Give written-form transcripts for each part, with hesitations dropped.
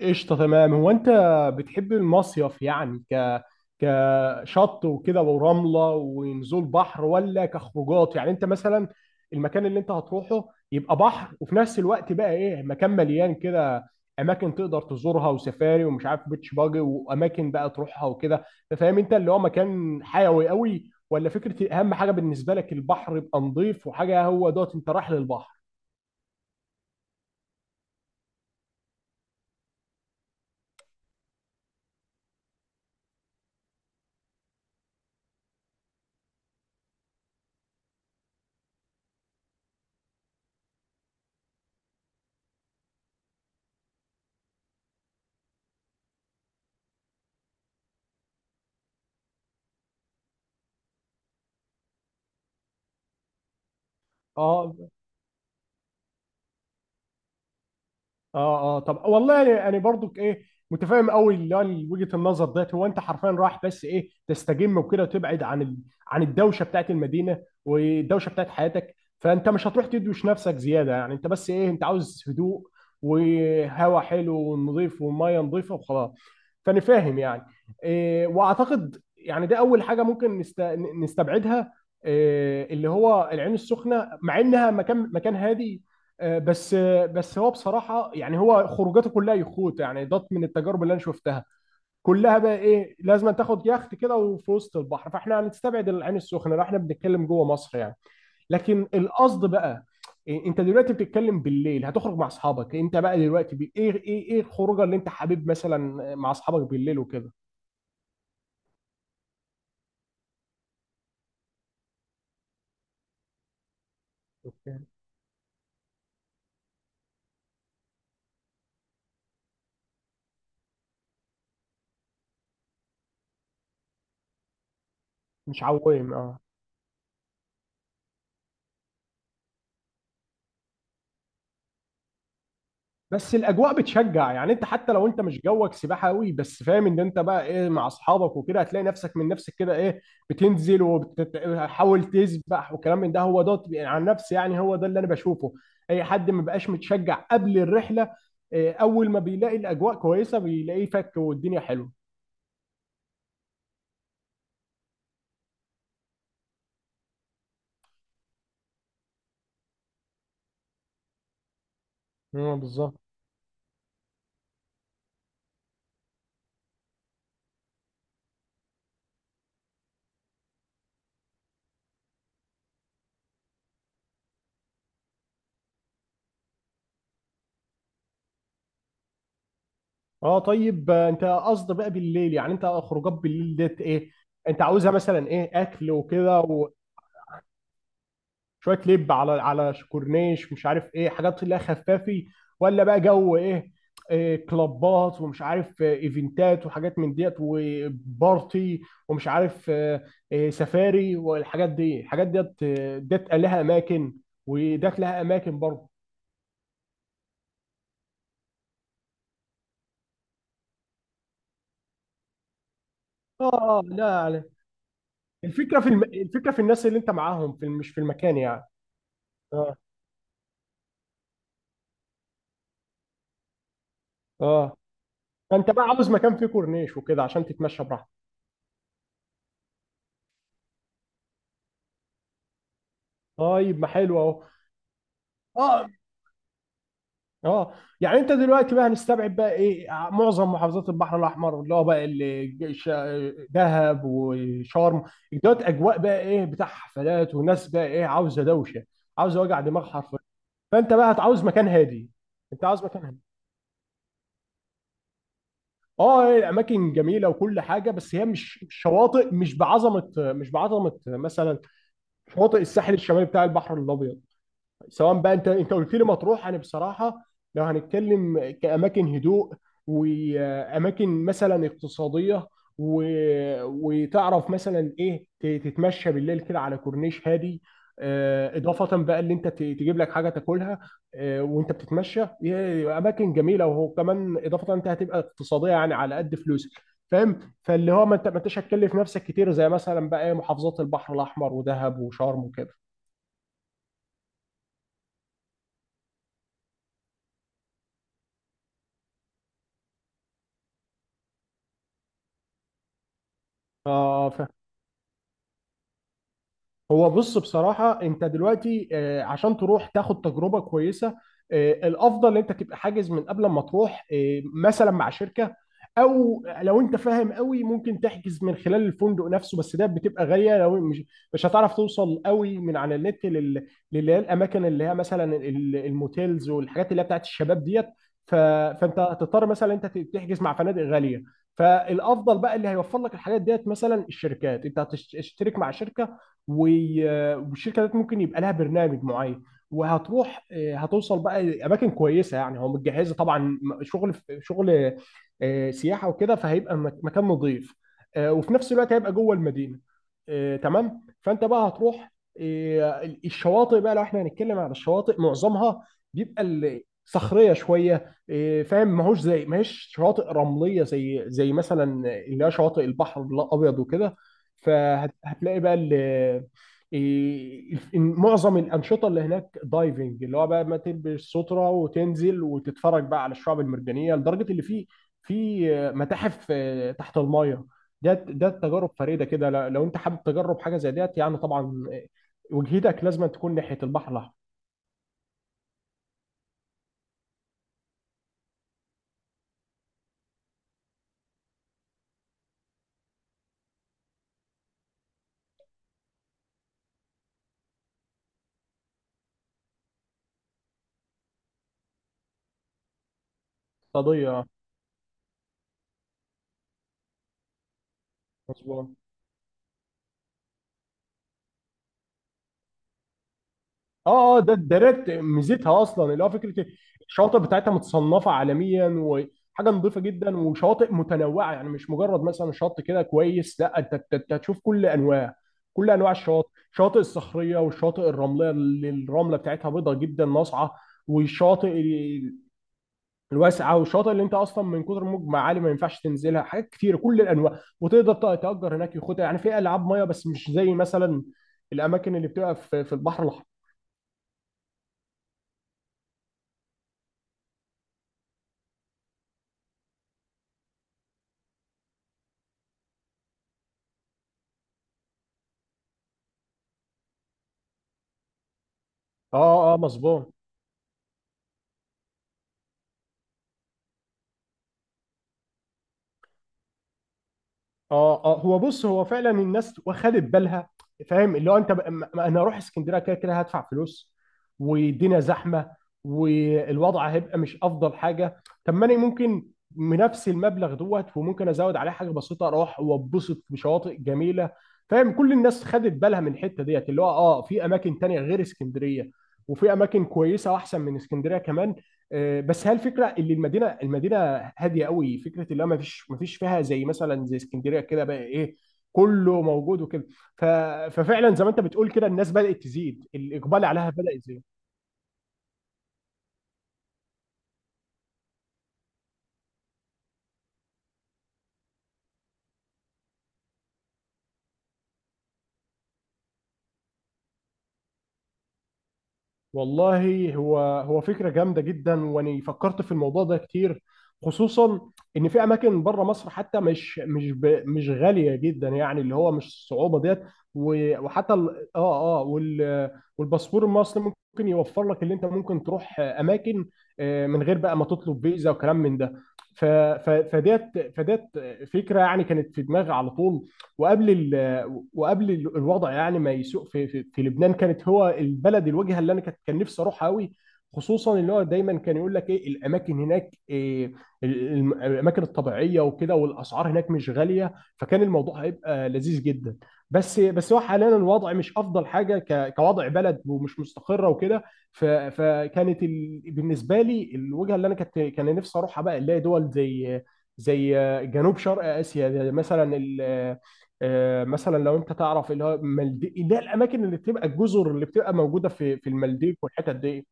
قشطة، تمام. هو أنت بتحب المصيف يعني كشط وكده ورملة ونزول بحر ولا كخروجات؟ يعني أنت مثلا المكان اللي أنت هتروحه يبقى بحر وفي نفس الوقت بقى إيه، مكان مليان كده أماكن تقدر تزورها وسفاري ومش عارف بيتش باجي وأماكن بقى تروحها وكده، فاهم؟ أنت اللي هو مكان حيوي قوي ولا فكرة أهم حاجة بالنسبة لك البحر يبقى نظيف وحاجة؟ هو دوت أنت رايح للبحر. أه اه اه. طب والله يعني يعني برضك ايه، متفاهم قوي اللي هو وجهه النظر ديت. هو انت حرفيا رايح بس ايه، تستجم وكده وتبعد عن عن الدوشه بتاعت المدينه والدوشه بتاعت حياتك، فانت مش هتروح تدوش نفسك زياده. يعني انت بس ايه، انت عاوز هدوء وهواء حلو ونظيف وميه نظيفه وخلاص، فانا فاهم يعني. واعتقد يعني ده اول حاجه ممكن نستبعدها، اللي هو العين السخنه، مع انها مكان هادي. بس هو بصراحه يعني هو خروجاته كلها يخوت، يعني ده من التجارب اللي انا شفتها كلها بقى ايه، لازم تاخد يخت كده وفي وسط البحر. فاحنا هنستبعد العين السخنه لو احنا بنتكلم جوه مصر يعني. لكن القصد بقى انت دلوقتي بتتكلم بالليل هتخرج مع اصحابك، انت بقى دلوقتي بي... ايه ايه ايه الخروجه اللي انت حابب مثلا مع اصحابك بالليل وكده؟ اوكي. مش عويم، اه. بس الاجواء بتشجع، يعني انت حتى لو انت مش جوك سباحه قوي بس فاهم ان انت بقى ايه، مع اصحابك وكده هتلاقي نفسك من نفسك كده ايه، بتنزل وبتحاول تسبح وكلام من ده. هو ده عن نفسي، يعني هو ده اللي انا بشوفه. اي حد ما بقاش متشجع قبل الرحله اول ما بيلاقي الاجواء كويسه بيلاقيه فك والدنيا حلوه. اه بالظبط. اه طيب، انت قصد بقى بالليل، يعني انت خروجات بالليل ديت ايه انت عاوزها؟ مثلا ايه، اكل وكده وشويه لب على على كورنيش، مش عارف ايه حاجات اللي هي خفافي، ولا بقى جو ايه، إيه كلابات ومش عارف، ايفنتات وحاجات من ديت وبارتي، ومش عارف، إيه سفاري والحاجات دي؟ الحاجات ديت ديت لها اماكن وديت لها اماكن برضه. اه اه لا. يعني الفكره في الفكره في الناس اللي انت معاهم في مش في المكان يعني. اه اه. فانت بقى عاوز مكان فيه كورنيش وكده عشان تتمشى براحتك؟ طيب، ما حلو اهو. اه اه. يعني انت دلوقتي بقى هنستبعد بقى ايه، معظم محافظات البحر الاحمر، اللي هو بقى اللي دهب وشرم. دوت اجواء بقى ايه، بتاع حفلات وناس بقى ايه، عاوزه دوشه، عاوزه وجع دماغ حرفيا. فانت بقى هتعوز مكان هادي، انت عاوز مكان هادي. اه هي الاماكن جميله وكل حاجه، بس هي مش شواطئ، مش بعظمه، مش بعظمه مثلا شواطئ الساحل الشمالي بتاع البحر الابيض. سواء بقى انت قلت لي مطروح. انا بصراحه لو هنتكلم كاماكن هدوء واماكن مثلا اقتصاديه و... وتعرف مثلا ايه، تتمشى بالليل كده على كورنيش هادي. اضافه بقى اللي انت تجيب لك حاجه تاكلها وانت بتتمشى. اماكن جميله، وهو كمان اضافه انت هتبقى اقتصاديه، يعني على قد فلوسك فاهم؟ فاللي هو ما انت ما انتش هتكلف نفسك كتير زي مثلا بقى محافظات البحر الاحمر ودهب وشرم وكده. اه. هو بص بصراحة انت دلوقتي عشان تروح تاخد تجربة كويسة الافضل ان انت تبقى حاجز من قبل ما تروح، مثلا مع شركة. او لو انت فاهم قوي ممكن تحجز من خلال الفندق نفسه، بس ده بتبقى غالية. لو مش هتعرف توصل قوي من على النت للي هي الاماكن اللي هي مثلا الموتيلز والحاجات اللي هي بتاعت الشباب ديت، ف- فانت هتضطر مثلا انت تحجز مع فنادق غالية. فالافضل بقى اللي هيوفر لك الحاجات ديت مثلا الشركات، انت هتشترك مع شركة، والشركه ديت ممكن يبقى لها برنامج معين وهتروح، هتوصل بقى اماكن كويسه، يعني هو متجهزه طبعا شغل شغل سياحه وكده، فهيبقى مكان نظيف وفي نفس الوقت هيبقى جوه المدينه. تمام. فانت بقى هتروح الشواطئ بقى، لو احنا هنتكلم على الشواطئ معظمها بيبقى صخريه شويه، فاهم؟ ما هوش زي ما هيش شواطئ رمليه زي مثلا اللي هي شواطئ البحر الابيض وكده. فهتلاقي بقى ال معظم الانشطه اللي هناك دايفنج، اللي هو بقى ما تلبس ستره وتنزل وتتفرج بقى على الشعب المرجانيه، لدرجه اللي في في متاحف تحت المايه. ده ده تجارب فريده كده، لو انت حابب تجرب حاجه زي ديت، يعني طبعا وجهتك لازم تكون ناحيه البحر الاحمر. قضيه مظبوط. اه اه. ده ده ريت ميزتها اصلا، اللي هو فكره الشواطئ بتاعتها متصنفه عالميا وحاجه نظيفه جدا وشواطئ متنوعه، يعني مش مجرد مثلا شط كده كويس، لا انت انت هتشوف كل انواع كل انواع الشواطئ، الشواطئ الصخريه والشواطئ الرمليه اللي الرمله بتاعتها بيضاء جدا ناصعه، والشاطئ الواسعه، والشاطئ اللي انت اصلا من كتر موج معالي ما ينفعش تنزلها حاجات كتير، كل الانواع. وتقدر تأجر هناك يخوت، يعني في العاب ميه، بس مش زي مثلا الاماكن اللي بتبقى في في البحر الاحمر. اه اه مظبوط. اه اه. هو بص، هو فعلا الناس واخدت بالها، فاهم؟ اللي هو انت بقى، ما انا اروح اسكندريه كده كده هدفع فلوس والدنيا زحمه والوضع هيبقى مش افضل حاجه، طب ما انا ممكن بنفس المبلغ دوت وممكن ازود عليه حاجه بسيطه اروح واتبسط بشواطئ جميله، فاهم؟ كل الناس خدت بالها من الحته ديت، اللي هو اه في اماكن تانية غير اسكندريه وفي اماكن كويسه واحسن من اسكندريه كمان. بس هي الفكره اللي المدينه فيها هاديه قوي، فكره اللي هو ما فيش فيها زي مثلا زي اسكندريه كده بقى ايه، كله موجود وكده. ف... ففعلا زي ما انت بتقول كده الناس بدات تزيد، الاقبال عليها بدا يزيد. والله هو هو فكرة جامدة جدا، وأنا فكرت في الموضوع ده كتير، خصوصا إن في أماكن بره مصر حتى مش غالية جدا، يعني اللي هو مش الصعوبة ديت، و... وحتى ال... آه آه وال... والباسبور المصري ممكن يوفر لك اللي أنت ممكن تروح أماكن من غير بقى ما تطلب فيزا وكلام من ده. ف... ف... فديت فديت فكرة يعني كانت في دماغي على طول. وقبل ال... وقبل الوضع يعني ما يسوء في لبنان، كانت هو البلد الوجهه اللي انا كان نفسي اروحها قوي، خصوصا اللي هو دايما كان يقول لك ايه، الاماكن هناك، إيه الاماكن الطبيعيه وكده، والاسعار هناك مش غاليه، فكان الموضوع هيبقى لذيذ جدا. بس هو حاليا الوضع مش افضل حاجه، كوضع بلد، ومش مستقره وكده. بالنسبه لي الوجهه اللي انا كنت كان نفسي اروحها بقى، اللي هي دول زي زي جنوب شرق اسيا، زي مثلا مثلا لو انت تعرف اللي هو مالديف، اللي هي الاماكن اللي بتبقى الجزر اللي بتبقى موجوده في في المالديف والحتت دي.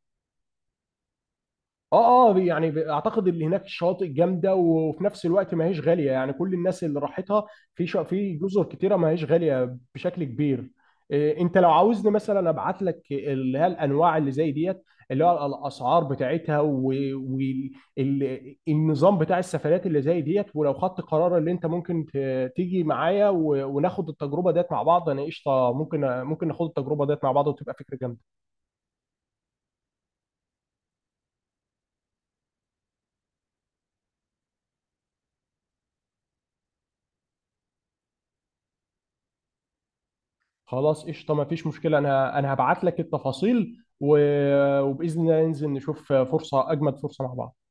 اه اه. يعني اعتقد اللي هناك شاطئ جامده، وفي نفس الوقت ما هيش غاليه، يعني كل الناس اللي راحتها في في جزر كتيره ما هيش غاليه بشكل كبير. إيه انت لو عاوزني مثلا ابعت لك اللي هي الانواع اللي زي ديت، اللي هو الاسعار بتاعتها والنظام بتاع السفرات اللي زي ديت، ولو خدت قرار اللي انت ممكن تيجي معايا و... وناخد التجربه ديت مع بعض، انا قشطه، ممكن ناخد التجربه ديت مع بعض وتبقى فكره جامده. خلاص قشطه، ما فيش مشكله، انا هبعت لك التفاصيل و... وباذن الله ننزل نشوف فرصه، اجمد فرصه مع بعض.